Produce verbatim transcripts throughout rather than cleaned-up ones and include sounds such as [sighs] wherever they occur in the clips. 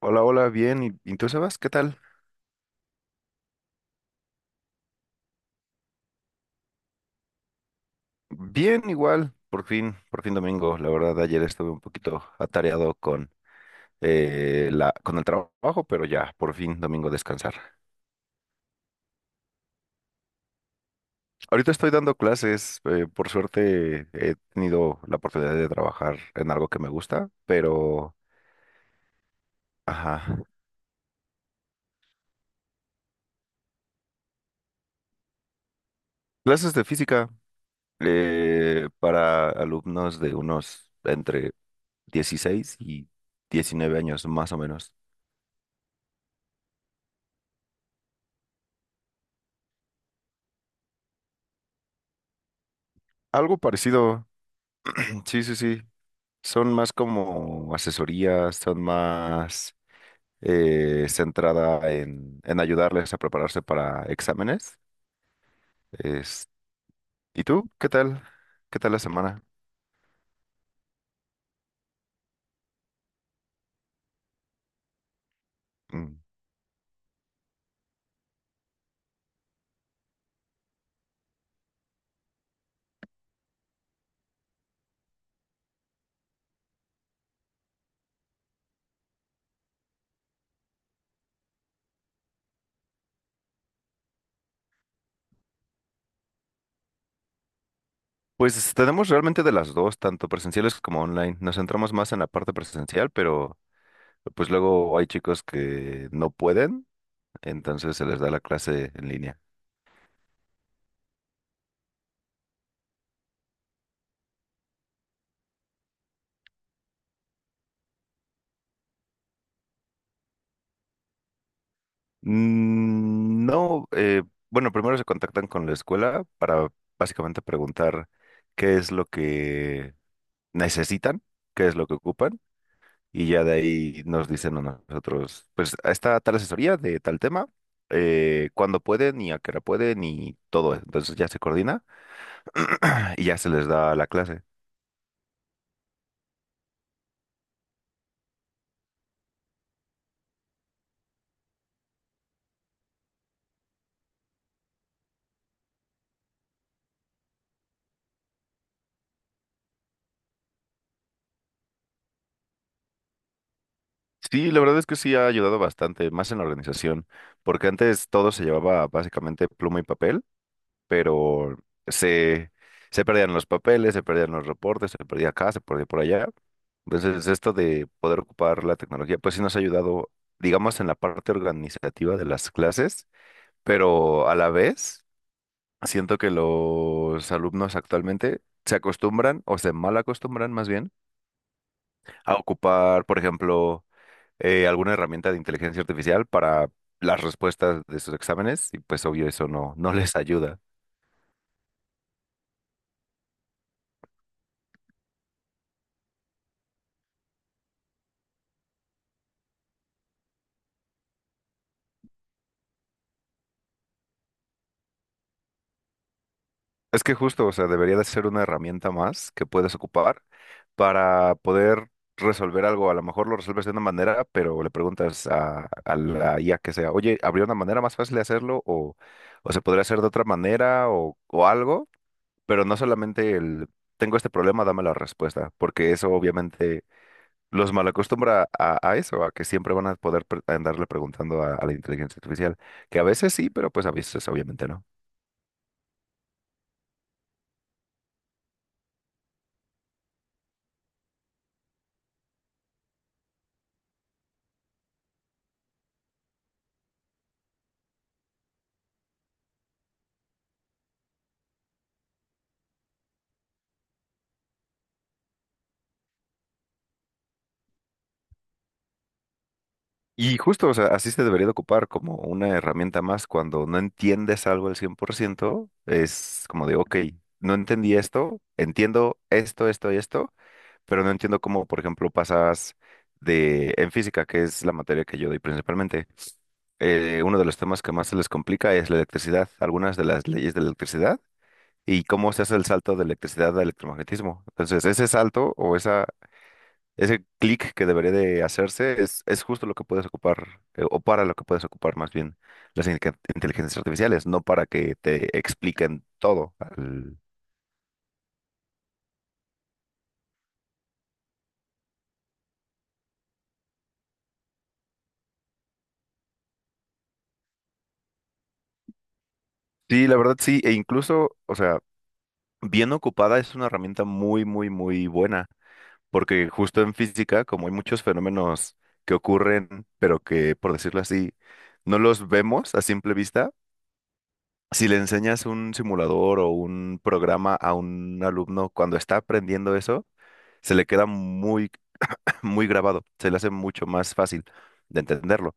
Hola, hola, bien. ¿Y y tú, Sebas? ¿Qué tal? Bien, igual. Por fin, por fin domingo. La verdad, ayer estuve un poquito atareado con, eh, la, con el trabajo, pero ya, por fin domingo descansar. Ahorita estoy dando clases. Eh, por suerte, he tenido la oportunidad de trabajar en algo que me gusta, pero, ajá. Clases de física, eh, para alumnos de unos entre dieciséis y diecinueve años, más o menos. Algo parecido. [clears throat] Sí, sí, sí. Son más como asesorías, son más eh, centrada en, en ayudarles a prepararse para exámenes. Es- ¿Y tú? ¿Qué tal? ¿Qué tal la semana? Mm. Pues tenemos realmente de las dos, tanto presenciales como online. Nos centramos más en la parte presencial, pero pues luego hay chicos que no pueden, entonces se les da la clase en línea. Mm, No, eh, bueno, primero se contactan con la escuela para básicamente preguntar qué es lo que necesitan, qué es lo que ocupan, y ya de ahí nos dicen a nosotros, pues está tal asesoría de tal tema, eh, cuándo pueden y a qué hora pueden y todo eso. Entonces ya se coordina y ya se les da la clase. Sí, la verdad es que sí ha ayudado bastante, más en la organización, porque antes todo se llevaba básicamente pluma y papel. Pero se, se perdían los papeles, se perdían los reportes, se perdía acá, se perdía por allá. Entonces, esto de poder ocupar la tecnología, pues sí nos ha ayudado, digamos, en la parte organizativa de las clases, pero a la vez siento que los alumnos actualmente se acostumbran o se mal acostumbran más bien a ocupar, por ejemplo, eh, alguna herramienta de inteligencia artificial para las respuestas de sus exámenes y pues obvio eso no, no les ayuda. Es que justo, o sea, debería de ser una herramienta más que puedes ocupar para poder resolver algo. A lo mejor lo resuelves de una manera, pero le preguntas a, a la I A que sea, oye, ¿habría una manera más fácil de hacerlo? O, o se podría hacer de otra manera o, o algo, pero no solamente el, tengo este problema, dame la respuesta, porque eso obviamente los malacostumbra a, a eso, a que siempre van a poder pre- andarle preguntando a, a la inteligencia artificial, que a veces sí, pero pues a veces obviamente no. Y justo, o sea, así se debería de ocupar como una herramienta más cuando no entiendes algo al cien por ciento, es como de, ok, no entendí esto, entiendo esto, esto y esto, pero no entiendo cómo, por ejemplo, pasas de, en física, que es la materia que yo doy principalmente, eh, uno de los temas que más se les complica es la electricidad, algunas de las leyes de la electricidad y cómo se hace el salto de electricidad a electromagnetismo. Entonces, ese salto o esa ese clic que debería de hacerse es, es justo lo que puedes ocupar, eh, o para lo que puedes ocupar más bien las inque- inteligencias artificiales, no para que te expliquen todo. al- Sí, la verdad sí, e incluso, o sea, bien ocupada es una herramienta muy, muy, muy buena, porque justo en física, como hay muchos fenómenos que ocurren, pero que, por decirlo así, no los vemos a simple vista, si le enseñas un simulador o un programa a un alumno cuando está aprendiendo eso, se le queda muy, [clears throat] muy grabado, se le hace mucho más fácil de entenderlo.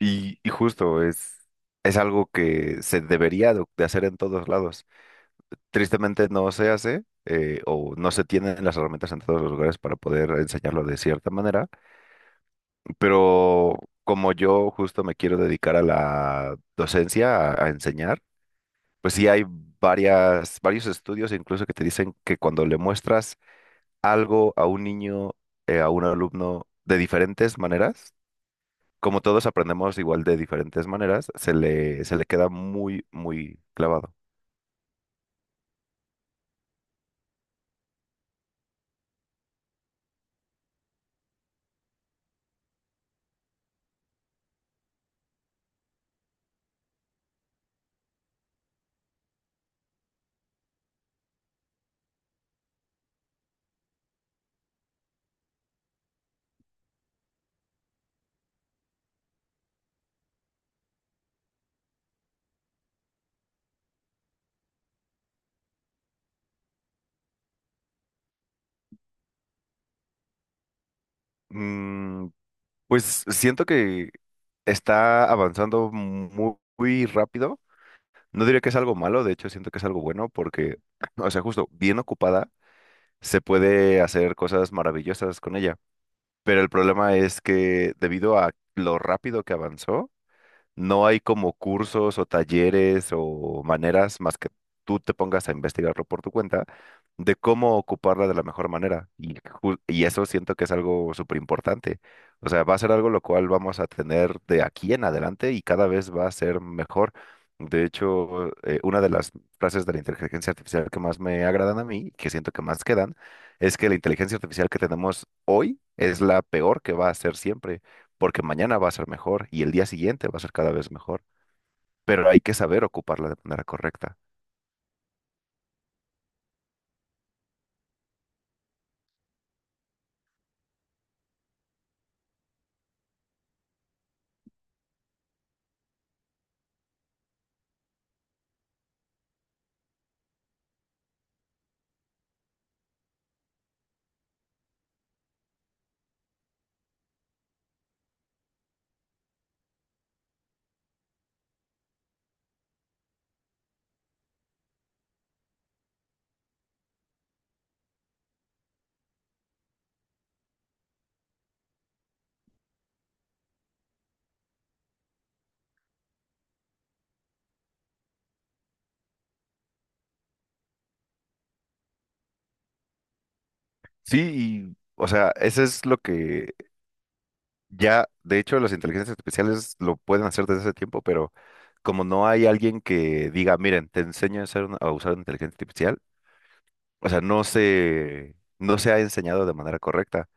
Y, y justo es, es algo que se debería de, de hacer en todos lados. Tristemente no se hace. Eh, o no se tienen las herramientas en todos los lugares para poder enseñarlo de cierta manera, pero como yo justo me quiero dedicar a la docencia, a, a enseñar, pues sí hay varias, varios estudios incluso que te dicen que cuando le muestras algo a un niño, eh, a un alumno de diferentes maneras, como todos aprendemos igual de diferentes maneras, se le, se le queda muy, muy clavado. Mm, pues siento que está avanzando mu- muy rápido. No diría que es algo malo, de hecho siento que es algo bueno porque, [clears throat] o sea, justo bien ocupada, se puede hacer cosas maravillosas con ella. Pero el problema es que debido a lo rápido que avanzó, no hay como cursos o talleres o maneras más que tú te pongas a investigarlo por tu cuenta de cómo ocuparla de la mejor manera. Y, ju- y eso siento que es algo súper importante. O sea, va a ser algo lo cual vamos a tener de aquí en adelante y cada vez va a ser mejor. De hecho, eh, una de las frases de la inteligencia artificial que más me agradan a mí, que siento que más quedan, es que la inteligencia artificial que tenemos hoy es la peor que va a ser siempre porque mañana va a ser mejor y el día siguiente va a ser cada vez mejor, pero hay que saber ocuparla de manera correcta. Sí, y, o sea, eso es lo que ya, de hecho, las inteligencias artificiales lo pueden hacer desde hace tiempo, pero como no hay alguien que diga, miren, te enseño a hacer una- a usar una inteligencia artificial, o sea, no se, no se ha enseñado de manera correcta.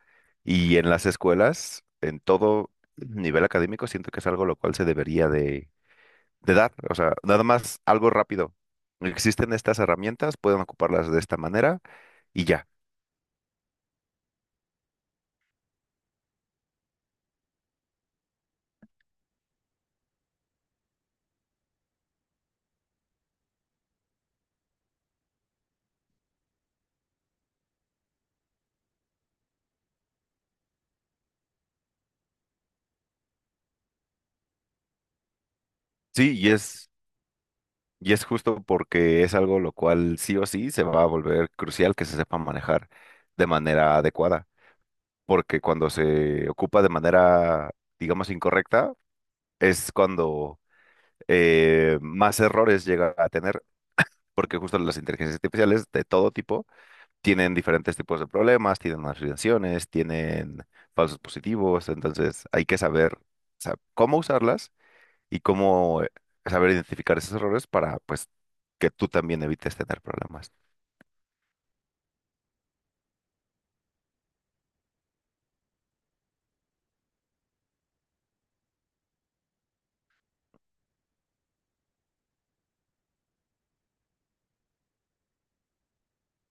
Y en las escuelas, en todo nivel académico, siento que es algo lo cual se debería de de dar, o sea, nada más algo rápido. Existen estas herramientas, pueden ocuparlas de esta manera y ya. Sí, y es, y es justo porque es algo lo cual sí o sí se va a volver crucial que se sepa manejar de manera adecuada, porque cuando se ocupa de manera, digamos, incorrecta, es cuando eh, más errores llega a tener, porque justo las inteligencias artificiales de todo tipo tienen diferentes tipos de problemas, tienen afiliaciones, tienen falsos positivos, entonces hay que saber, o sea, cómo usarlas y cómo eh, saber identificar esos errores para pues que tú también evites tener problemas.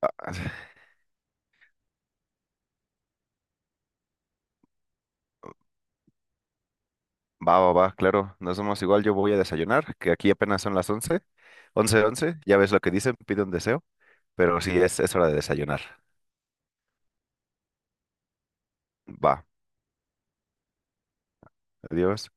Ah, [sighs] Va, va, va, claro, no somos igual, yo voy a desayunar, que aquí apenas son las once, once, once. Ya ves lo que dicen, pide un deseo, pero sí es, es hora de desayunar. Va, adiós.